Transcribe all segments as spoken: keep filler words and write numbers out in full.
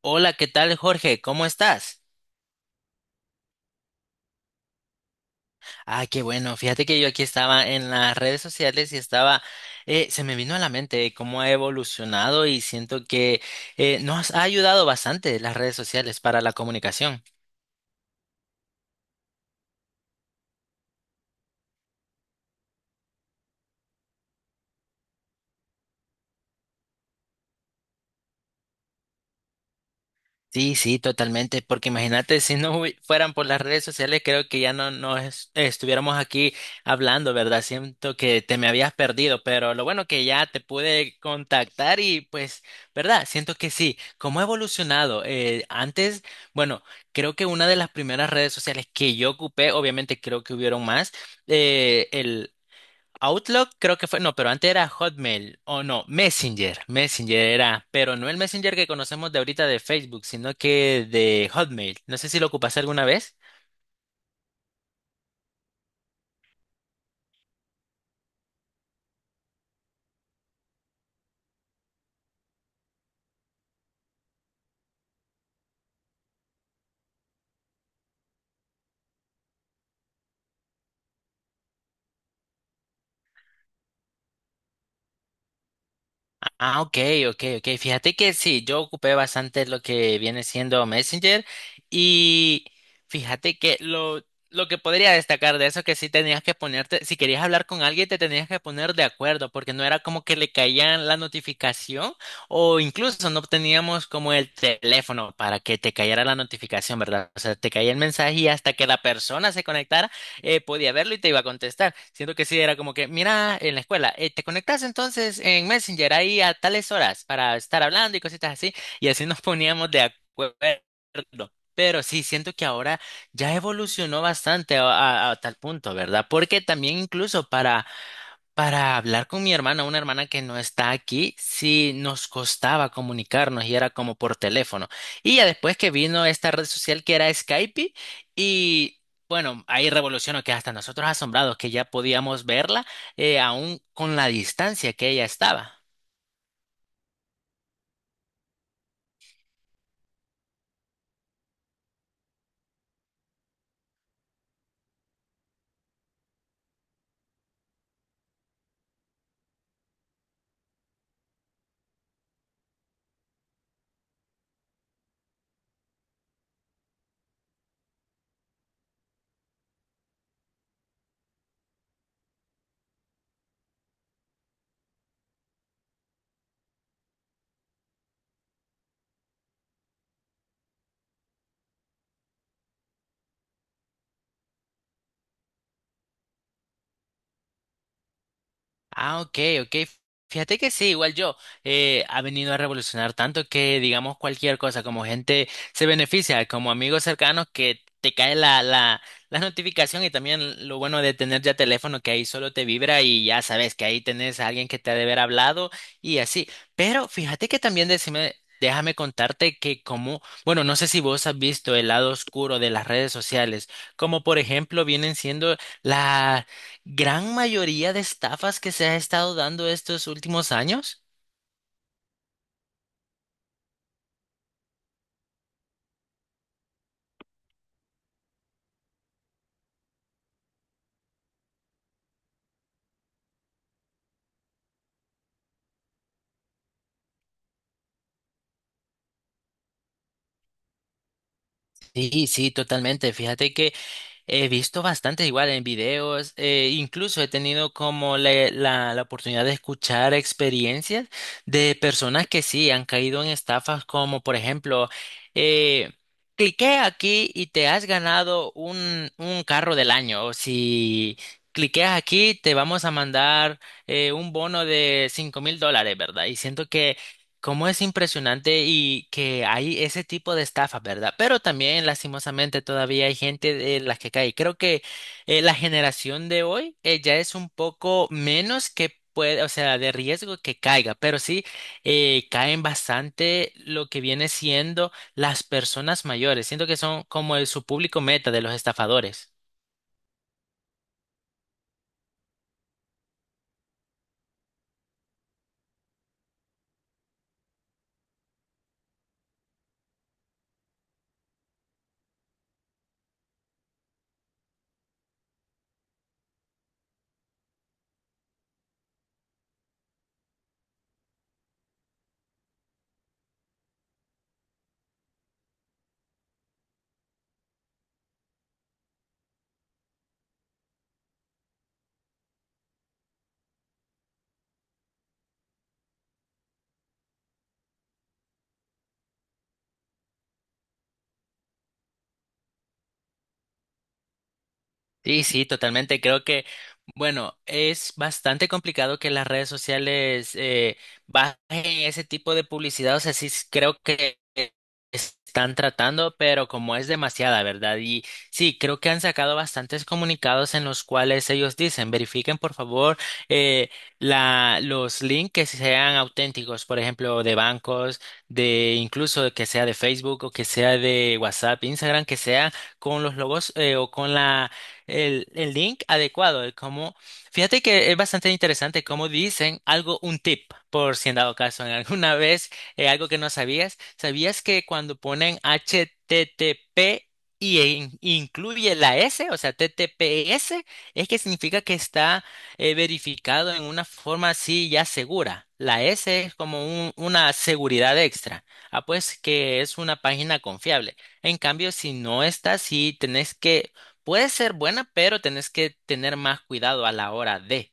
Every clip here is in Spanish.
Hola, ¿qué tal, Jorge? ¿Cómo estás? Ah, qué bueno. Fíjate que yo aquí estaba en las redes sociales y estaba, eh, se me vino a la mente cómo ha evolucionado y siento que eh, nos ha ayudado bastante las redes sociales para la comunicación. Sí, sí, totalmente, porque imagínate si no hubi- fueran por las redes sociales, creo que ya no, no es- estuviéramos aquí hablando, ¿verdad? Siento que te me habías perdido, pero lo bueno que ya te pude contactar y pues, ¿verdad? Siento que sí, cómo ha evolucionado. Eh, antes, bueno, creo que una de las primeras redes sociales que yo ocupé, obviamente creo que hubieron más, Outlook creo que fue, no, pero antes era Hotmail, o no, Messenger, Messenger era, pero no el Messenger que conocemos de ahorita de Facebook, sino que de Hotmail. No sé si lo ocupaste alguna vez. Ah, ok, ok, ok. Fíjate que sí, yo ocupé bastante lo que viene siendo Messenger y fíjate que lo, lo que podría destacar de eso que sí tenías que ponerte, si querías hablar con alguien te tenías que poner de acuerdo porque no era como que le caían la notificación o incluso no teníamos como el teléfono para que te cayera la notificación, ¿verdad? O sea, te caía el mensaje y hasta que la persona se conectara eh, podía verlo y te iba a contestar. Siento que sí, era como que, mira, en la escuela, eh, te conectas entonces en Messenger ahí a tales horas para estar hablando y cositas así, y así nos poníamos de acuerdo. Pero sí, siento que ahora ya evolucionó bastante a, a- a tal punto, ¿verdad? Porque también incluso para para hablar con mi hermana, una hermana que no está aquí, sí nos costaba comunicarnos y era como por teléfono. Y ya después que vino esta red social que era Skype y bueno, ahí revolucionó que hasta nosotros asombrados que ya podíamos verla eh, aún con la distancia que ella estaba. Ah, ok, ok. Fíjate que sí, igual yo, eh, ha venido a revolucionar tanto que digamos cualquier cosa, como gente se beneficia, como amigos cercanos que te cae la, la, la notificación y también lo bueno de tener ya teléfono que ahí solo te vibra y ya sabes que ahí tenés a alguien que te ha de haber hablado y así. Pero fíjate que también decime, déjame contarte que como, bueno, no sé si vos has visto el lado oscuro de las redes sociales, como por ejemplo vienen siendo las gran mayoría de estafas que se ha estado dando estos últimos años. Sí, sí, totalmente. Fíjate que he visto bastante igual en videos, eh, incluso he tenido como la, la, la oportunidad de escuchar experiencias de personas que sí han caído en estafas como por ejemplo, eh, cliqué aquí y te has ganado un, un carro del año. O si cliqueas aquí te vamos a mandar eh, un bono de cinco mil dólares, ¿verdad? Y siento que cómo es impresionante y que hay ese tipo de estafas, ¿verdad? Pero también, lastimosamente, todavía hay gente de las que cae. Creo que eh, la generación de hoy eh, ya es un poco menos que puede, o sea, de riesgo que caiga, pero sí eh, caen bastante lo que viene siendo las personas mayores. Siento que son como el- su público meta de los estafadores. Sí, sí, totalmente. Creo que, bueno, es bastante complicado que las redes sociales eh, bajen ese tipo de publicidad. O sea, sí s- creo que eh, están tratando, pero como es demasiada, ¿verdad? Y sí, creo que han sacado bastantes comunicados en los cuales ellos dicen, verifiquen por favor eh, la, los links que sean auténticos, por ejemplo, de bancos, de incluso que sea de Facebook o que sea de WhatsApp, Instagram, que sea con los logos eh, o con la el, el link adecuado de cómo. Fíjate que es bastante interesante cómo dicen algo, un tip, por si en dado caso, en alguna vez, eh, algo que no sabías. ¿Sabías que cuando ponen H T T P y in- incluye la S, o sea, T T P S, es que significa que está eh, verificado en una forma así ya segura? La S es como un- una seguridad extra. Ah, pues que es una página confiable. En cambio, si no está así, tenés que puede ser buena, pero tenés que tener más cuidado a la hora de.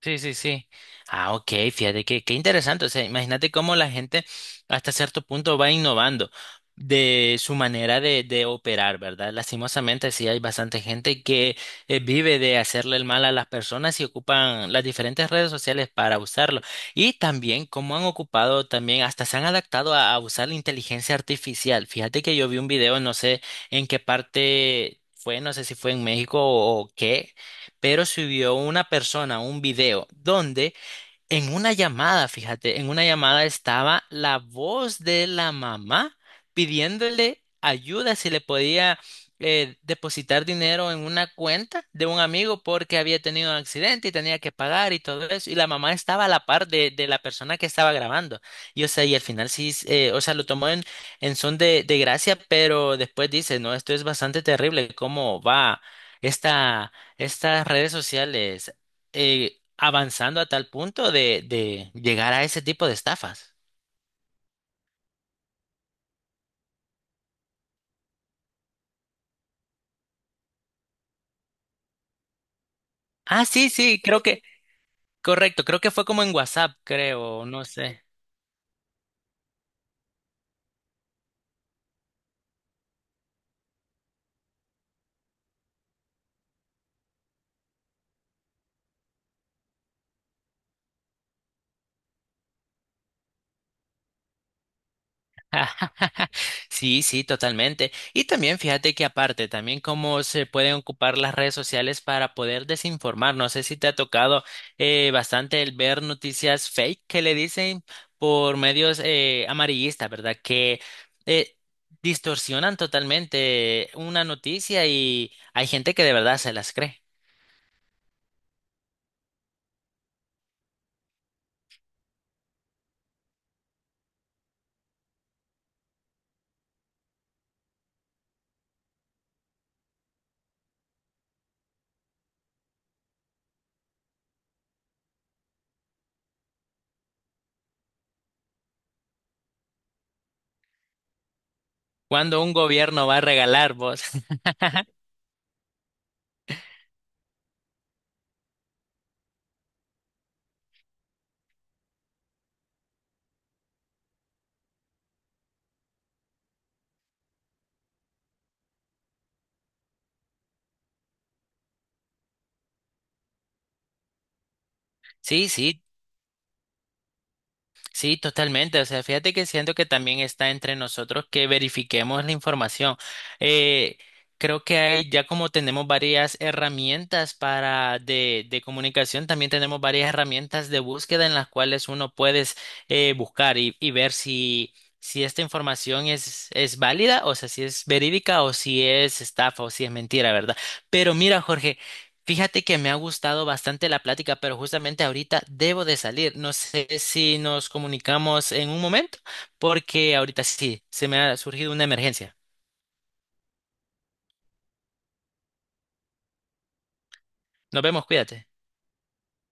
Sí, sí, sí. Ah, ok, fíjate que qué interesante. O sea, imagínate cómo la gente hasta cierto punto va innovando de su manera de, de operar, ¿verdad? Lastimosamente, sí hay bastante gente que eh, vive de hacerle el mal a las personas y ocupan las diferentes redes sociales para usarlo. Y también cómo han ocupado, también hasta se han adaptado a, a usar la inteligencia artificial. Fíjate que yo vi un video, no sé en qué parte fue, no sé si fue en México o o qué, pero subió una persona un video donde en una llamada, fíjate, en una llamada estaba la voz de la mamá pidiéndole ayuda si le podía eh, depositar dinero en una cuenta de un amigo porque había tenido un accidente y tenía que pagar y todo eso. Y la mamá estaba a la par de, de la persona que estaba grabando. Y o sea, y al final sí, eh, o sea, lo tomó en, en son de, de gracia, pero después dice, no, esto es bastante terrible, cómo va esta, estas redes sociales eh, avanzando a tal punto de, de llegar a ese tipo de estafas. Ah, sí, sí, creo que, correcto, creo que fue como en WhatsApp, creo, no sé. Sí, sí, totalmente. Y también fíjate que aparte, también cómo se pueden ocupar las redes sociales para poder desinformar. No sé si te ha tocado eh, bastante el ver noticias fake que le dicen por medios eh, amarillistas, ¿verdad? Que eh, distorsionan totalmente una noticia y hay gente que de verdad se las cree. Cuando un gobierno va a regalar vos. Sí, sí, sí, totalmente. O sea, fíjate que siento que también está entre nosotros que verifiquemos la información. Eh, Creo que hay, ya como tenemos varias herramientas para de, de comunicación, también tenemos varias herramientas de búsqueda en las cuales uno puedes eh, buscar y, y ver si, si esta información es, es válida, o sea, si es verídica o si es estafa o si es mentira, ¿verdad? Pero mira, Jorge. Fíjate que me ha gustado bastante la plática, pero justamente ahorita debo de salir. No sé si nos comunicamos en un momento, porque ahorita sí, se me ha surgido una emergencia. Nos vemos, cuídate.